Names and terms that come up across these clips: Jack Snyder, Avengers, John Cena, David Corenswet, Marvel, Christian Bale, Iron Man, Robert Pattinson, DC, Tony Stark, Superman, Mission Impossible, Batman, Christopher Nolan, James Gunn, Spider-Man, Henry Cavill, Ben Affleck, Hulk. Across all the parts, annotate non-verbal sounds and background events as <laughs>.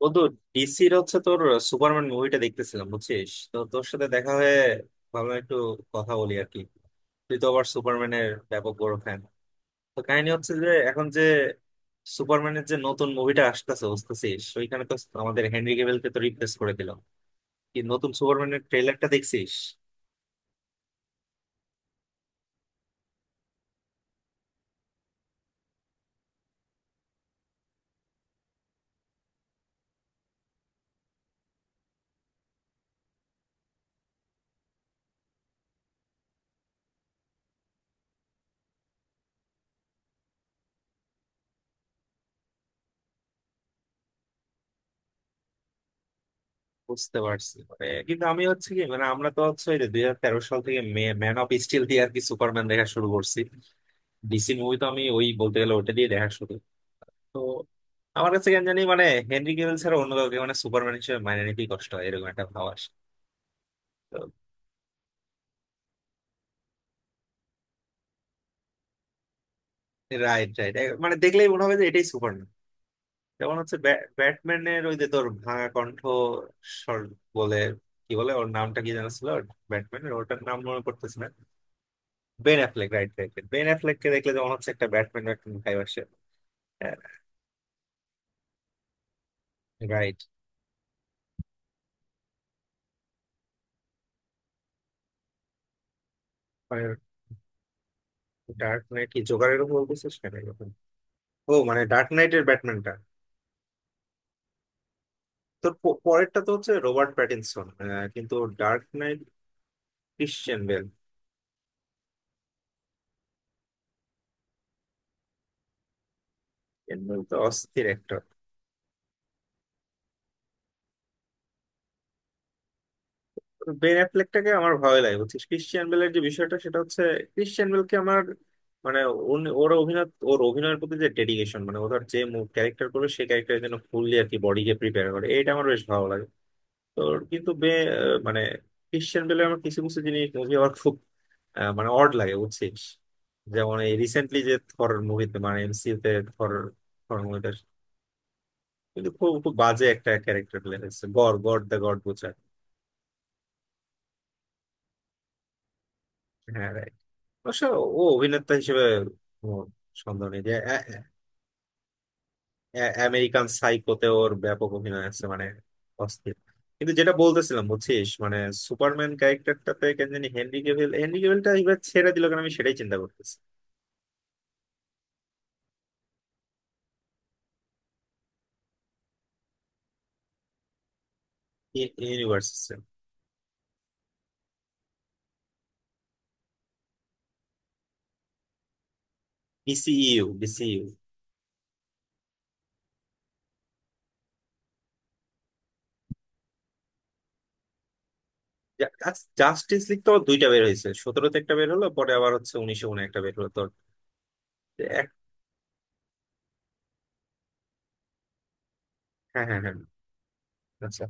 বন্ধু, ডিসির হচ্ছে তোর সুপারম্যান মুভিটা দেখতেছিলাম, বুঝছিস, তো তোর সাথে দেখা হয়ে ভাবলাম একটু কথা বলি আর কি। তুই তো আবার সুপারম্যানের ব্যাপক বড় ফ্যান। তো কাহিনী হচ্ছে যে এখন যে সুপারম্যানের যে নতুন মুভিটা আসতেছে বুঝতেছিস, ওইখানে তো আমাদের হেনরি ক্যাভিলকে তো রিপ্লেস করে দিল। কি নতুন সুপারম্যানের ট্রেলারটা দেখছিস? বুঝতে পারছি, মানে কিন্তু আমি হচ্ছে কি, মানে আমরা তো হচ্ছে ওই 2013 সাল থেকে ম্যান অফ স্টিল দিয়ে আর কি সুপারম্যান দেখা শুরু করছি। ডিসি মুভি তো আমি ওই বলতে গেলে ওটা দিয়ে দেখা শুরু। তো আমার কাছে কেন জানি মানে হেনরি কেভেল ছাড়া অন্য কাউকে মানে সুপারম্যান হিসেবে মানে নিতেই কষ্ট হয়, এরকম একটা ভাব আসে তো। রাইট, রাইট, মানে দেখলেই মনে হবে যে এটাই সুপারম্যান। যেমন হচ্ছে ব্যাটম্যানের ওই যে তোর ভাঙা কণ্ঠ স্বর বলে, কি বলে, ওর নামটা কি জানা ছিল, ব্যাটম্যানের ওটার নাম মনে করতেছি না। Ben Affleck, right right, Ben Affleck কে দেখলে যেমন হচ্ছে একটা ব্যাটম্যান একটা ভাইব আসে। হ্যাঁ, রাইট। ডার্ক নাইট কি জোকারের উপর বলতেছিস কেন এরকম? ও মানে ডার্ক নাইটের ব্যাটম্যানটা। তোর পরেরটা তো হচ্ছে রবার্ট প্যাটিনসন, কিন্তু dark knight. Christian Bale, Christian Bale তো অস্থির একটা। বেন অ্যাফ্লেকটাকে আমার ভালো লাগে বুঝছিস। ক্রিশ্চিয়ান বেলের যে বিষয়টা সেটা হচ্ছে ক্রিশ্চিয়ান বেলকে আমার মানে ওর অভিনয়, ওর অভিনয়ের প্রতি যে ডেডিকেশন, মানে ওর যে ক্যারেক্টার করবে সেই ক্যারেক্টারের জন্য ফুললি আর কি বডিকে প্রিপেয়ার করে, এটা আমার বেশ ভালো লাগে। তোর কিন্তু মানে ক্রিশ্চিয়ান বেলের আমার কিছু কিছু জিনিস, মুভি আমার খুব মানে অড লাগে বুঝছিস। যেমন এই রিসেন্টলি যে থর মুভিতে মানে এমসিইউতে থর, কিন্তু খুব খুব বাজে একটা ক্যারেক্টার প্লে হয়েছে, গড গড দ্য গড বোঝায়। হ্যাঁ, রাইট। অবশ্য ও অভিনেতা হিসেবে কোনো সন্দেহ নেই যে আমেরিকান সাইকোতে ওর ব্যাপক অভিনয় আছে, মানে অস্থির। কিন্তু যেটা বলতেছিলাম বুঝছিস, মানে সুপারম্যান ক্যারেক্টারটাতে কেন জানি হেনরি ক্যাভিল, হেনরি ক্যাভিলটা এবার ছেড়ে দিল, কারণ আমি সেটাই চিন্তা করতেছি। Universe. DCEU DCEU justice league তো দুইটা বের হয়েছে, সতেরোতে একটা বের হলো, পরে আবার হচ্ছে উনিশে উনে একটা বের হলো তো। এক- হ্যাঁ হ্যাঁ হ্যাঁ, আচ্ছা।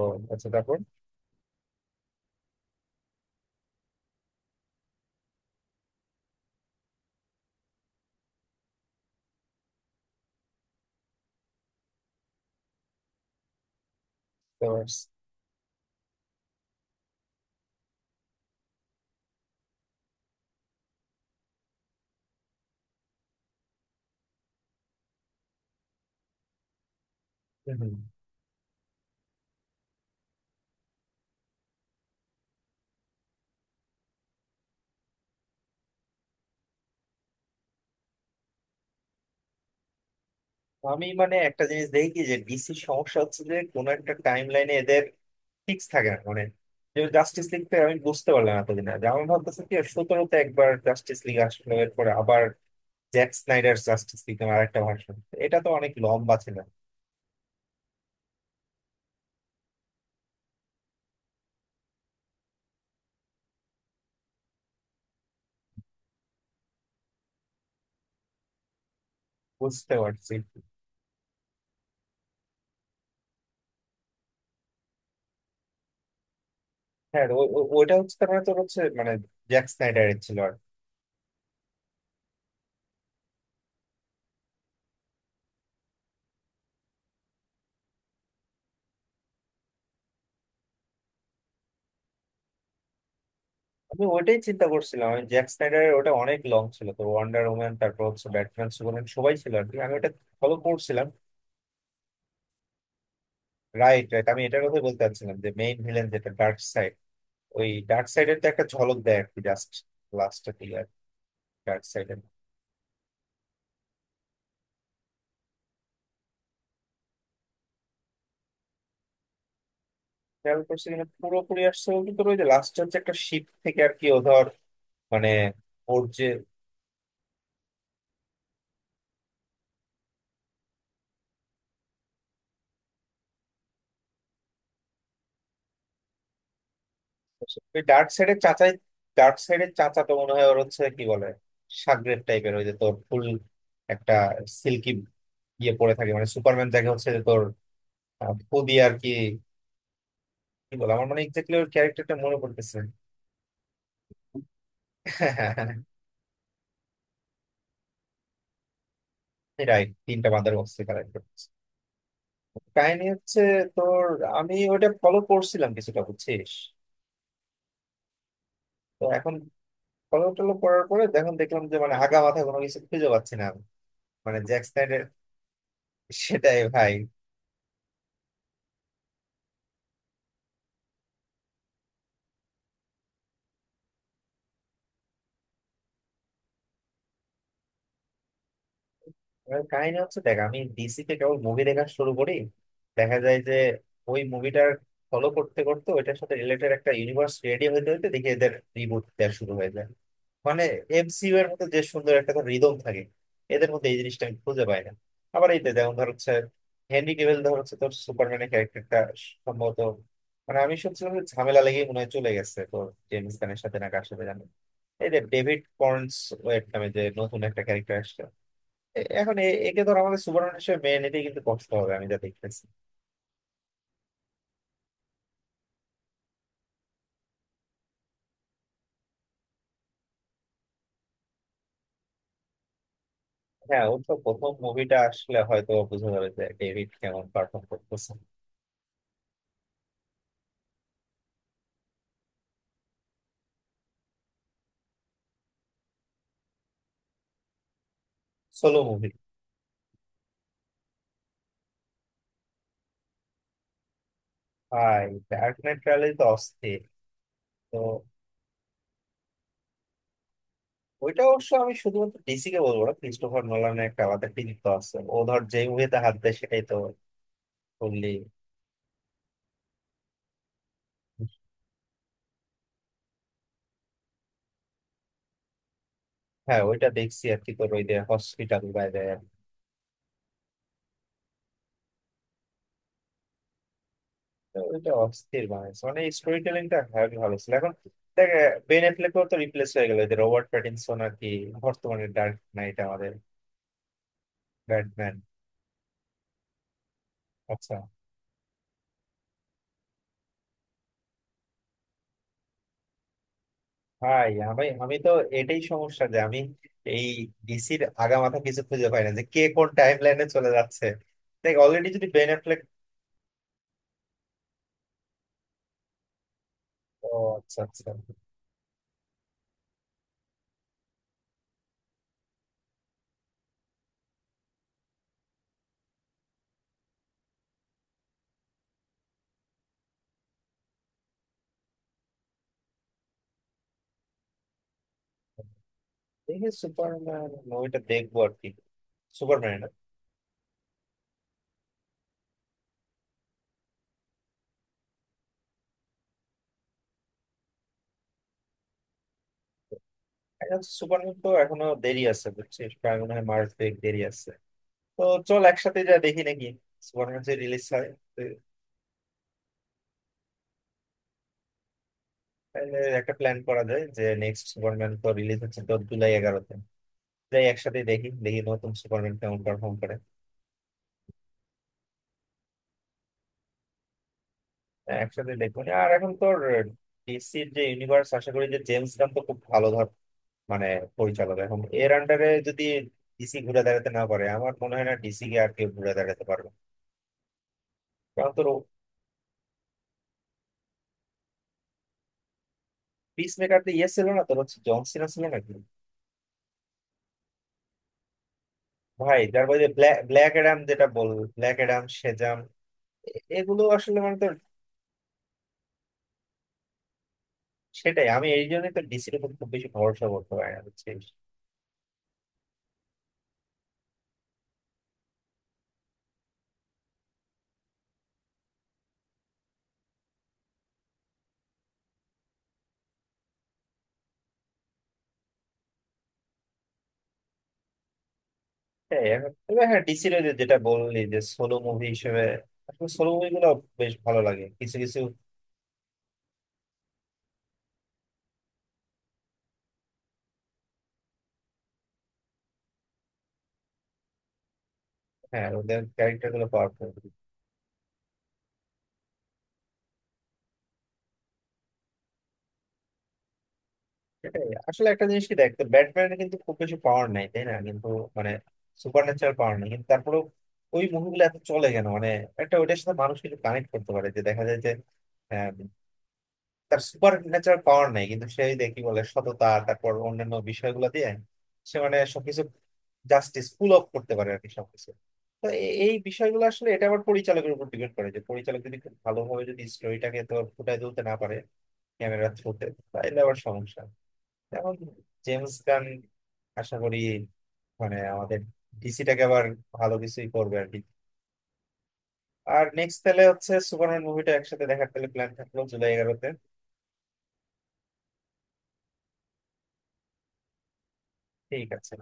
ও, আচ্ছা তারপর তারপর- হুম। আমি মানে একটা জিনিস দেখি যে ডিসির সমস্যা হচ্ছে যে কোনো একটা টাইম লাইনে এদের ফিক্স থাকে না মানে। যেমন জাস্টিস লিগটা আমি বুঝতে পারলাম না, এতদিন আগে আমার ভাবতেছে কি, 2017-তে একবার জাস্টিস লিগ আসলো, এরপরে আবার জ্যাক স্নাইডার জাস্টিস লিগ আর একটা ভার্সন, এটা তো অনেক লম্বা ছিল। বুঝতে পারছি। হ্যাঁ, ওইটা হচ্ছে, তার মানে তোর হচ্ছে মানে জ্যাক স্নাইডারের ছিল। আমি ওইটাই চিন্তা করছিলাম, আমি জ্যাক স্নাইডারের ওটা অনেক লং ছিল তো, ওয়ান্ডার ওম্যান তারপর হচ্ছে ব্যাটম্যান সুপারম্যান সবাই ছিল আর কি, আমি ওটা ফলো করছিলাম। রাইট রাইট, আমি এটার কথাই বলতে চাচ্ছিলাম যে মেইন ভিলেন যেটা ডার্ক সাইড। ওই ডার্ক সাইডের তো একটা ঝলক দেয় আর কি জাস্ট লাস্টের দিকে, আর ডার্ক সাইডের খেয়াল করছি কিনা পুরোপুরি আসছে, কিন্তু ওই যে লাস্ট হচ্ছে একটা শিপ থেকে আর কি ও ধর, মানে ওর যে ওই ডার্ক সাইডের চাচাই, ডার্ক সাইডের চাচা তো মনে হয় ওর হচ্ছে কি বলে সাগরেদ টাইপের, ওই যে তোর ফুল একটা সিল্কি ইয়ে পরে থাকে, মানে সুপারম্যান যাকে হচ্ছে যে তোর খুবই আর কি, কি বলে, আমার মানে এক্স্যাক্টলি ওর ক্যারেক্টারটা মনে পড়তেছে। <laughs> রাইট, তিনটা বাঁদর বক্সে কালেক্ট করতেছে। কাহিনী হচ্ছে তোর, আমি ওইটা ফলো করছিলাম কিছুটা বুঝছিস। তো এখন ফলো টলো করার পরে এখন দেখলাম যে মানে আগা মাথা কোনো কিছু খুঁজে পাচ্ছি না আমি। মানে জ্যাক স্ন্যাডের, সেটাই ভাই। এবার কাহিনী হচ্ছে দেখ, আমি ডিসিতে কেবল মুভি দেখা শুরু করি, দেখা যায় যে ওই মুভিটার ফলো করতে করতে ওইটার সাথে রিলেটেড একটা ইউনিভার্স রেডি হইতে হইতে দেখি এদের রিবুট দেওয়া শুরু হয়ে যায়। মানে এমসিইউ এর মধ্যে যে সুন্দর একটা রিদম থাকে, এদের মধ্যে এই জিনিসটা আমি খুঁজে পাই না। আবার এই যে যেমন ধর হচ্ছে হেনরি ক্যাভিল ধর হচ্ছে তোর সুপারম্যানের ক্যারেক্টারটা সম্ভবত, মানে আমি শুনছিলাম যে ঝামেলা লেগে মনে হয় চলে গেছে তোর জেমস গানের সাথে না কার সাথে জানি। এই যে ডেভিড কর্নস ওয়েট নামে যে নতুন একটা ক্যারেক্টার আসছে, এখন একে ধর আমাদের সুপারম্যান হিসেবে মেনে নিতেই কিন্তু কষ্ট হবে, আমি যা দেখতেছি। হ্যাঁ, ওর তো প্রথম মুভিটা আসলে হয়তো বোঝা যাবে যে ডেভিড কেমন পারফর্ম করতেছে। Solo movie. ভাই ডার্ক নাইট রাইজেস তো অস্থির। তো ওইটা অবশ্য আমি শুধুমাত্র ডিসি কে বলবো না, ক্রিস্টোফার নোলানের একটা আলাদা কৃতিত্ব আছে, ও ধর যে মুভিতে হাত দেয় সেটাই তো। বললি। হ্যাঁ, ওইটা দেখছি আর কি, তোর ওই যে হসপিটাল বাইরে। তো ওইটা অস্থির বানাইছে মানে স্টোরি টেলিংটা হেভি ভালো ছিল। এখন দেখ, বেন অ্যাফ্লেকও তো রিপ্লেস হয়ে গেল, যে রবার্ট প্যাটিনসন আর কি, বর্তমানে ডার্ক নাইট আমাদের ব্যাটম্যান। আচ্ছা। ভাই আমি আমি তো এটাই সমস্যা যে আমি এই ডিসির আগামাথা কিছু খুঁজে পাই না যে কে কোন টাইম লাইনে চলে যাচ্ছে। দেখ অলরেডি যদি বেন অ্যাফ্লেক। ও, আচ্ছা আচ্ছা। দেখি সুপারম্যান মুভিটা দেখবো আর কি। সুপারম্যান। সুপারম্যান তো এখনো দেরি আছে বুঝছিস, প্রায় মনে হয় মার্চ দেরি আছে। তো চল একসাথে যা দেখি নাকি, সুপারম্যান যে রিলিজ হয়। তো তাহলে একটা প্ল্যান করা যায় যে নেক্সট সুপারম্যান তো রিলিজ হচ্ছে তোর জুলাই 11-তে। যাই একসাথে দেখি, দেখি নতুন সুপারম্যান কেমন পারফর্ম করে। হ্যাঁ, একসাথে দেখবো না। আর এখন তোর ডিসির যে ইউনিভার্স, আশা করি যে জেমস গান তো খুব ভালো ধর মানে পরিচালক, এখন এর আন্ডারে যদি ডিসি ঘুরে দাঁড়াতে না পারে, আমার মনে হয় না ডিসি কে আর কেউ ঘুরে দাঁড়াতে পারবে, কারণ তোর। পিস মেকার তো ইয়ে ছিল না তোর, হচ্ছে জন সিনা ছিল নাকি? ভাই তারপরে ব্ল্যাক ব্ল্যাক অ্যাডাম যেটা বল, ব্ল্যাক অ্যাডাম, সেজাম, এগুলো আসলে মানে তো। সেটাই আমি এই জন্যই তো ডিসির উপর খুব বেশি ভরসা করতে পারি না বুঝছিস। সেটাই এখন, তবে হ্যাঁ, ডিসির ওই যে যেটা বললি যে সোলো মুভি হিসেবে আসলে সোলো মুভি গুলো বেশ ভালো লাগে কিছু কিছু। হ্যাঁ, ওদের ক্যারেক্টার গুলো পাওয়ারফুল। সেটাই আসলে একটা জিনিস, কি দেখ তো, ব্যাটম্যান কিন্তু খুব বেশি পাওয়ার নাই তাই না, কিন্তু মানে সুপার ন্যাচারাল পাওয়ার নাই, কিন্তু তারপরেও ওই মুভিগুলো এত চলে কেন মানে। একটা ওইটার সাথে মানুষ কিছু কানেক্ট করতে পারে, যে দেখা যায় যে হ্যাঁ, তার সুপার ন্যাচারাল পাওয়ার নাই, কিন্তু সে ওই যে কি বলে সততা তারপর অন্যান্য বিষয়গুলো দিয়ে সে মানে সবকিছু, জাস্টিস পুল অফ করতে পারে আর কি সবকিছু। তো এ- এই বিষয়গুলো আসলে এটা আবার পরিচালকের উপর ডিপেন্ড করে, যে পরিচালক যদি খুব ভালোভাবে যদি স্টোরিটাকে তো ফুটায় তুলতে না পারে, ক্যামেরা থ্রুতে, তাহলে আবার সমস্যা। যেমন জেমস গান আশা করি মানে আমাদের ডিসিটাকে আবার ভালো কিছুই করবে আর কি। আর নেক্সট তাহলে হচ্ছে সুপারম্যান মুভিটা একসাথে দেখার, তাহলে প্ল্যান থাকলো জুলাই 11-তে। ঠিক আছে।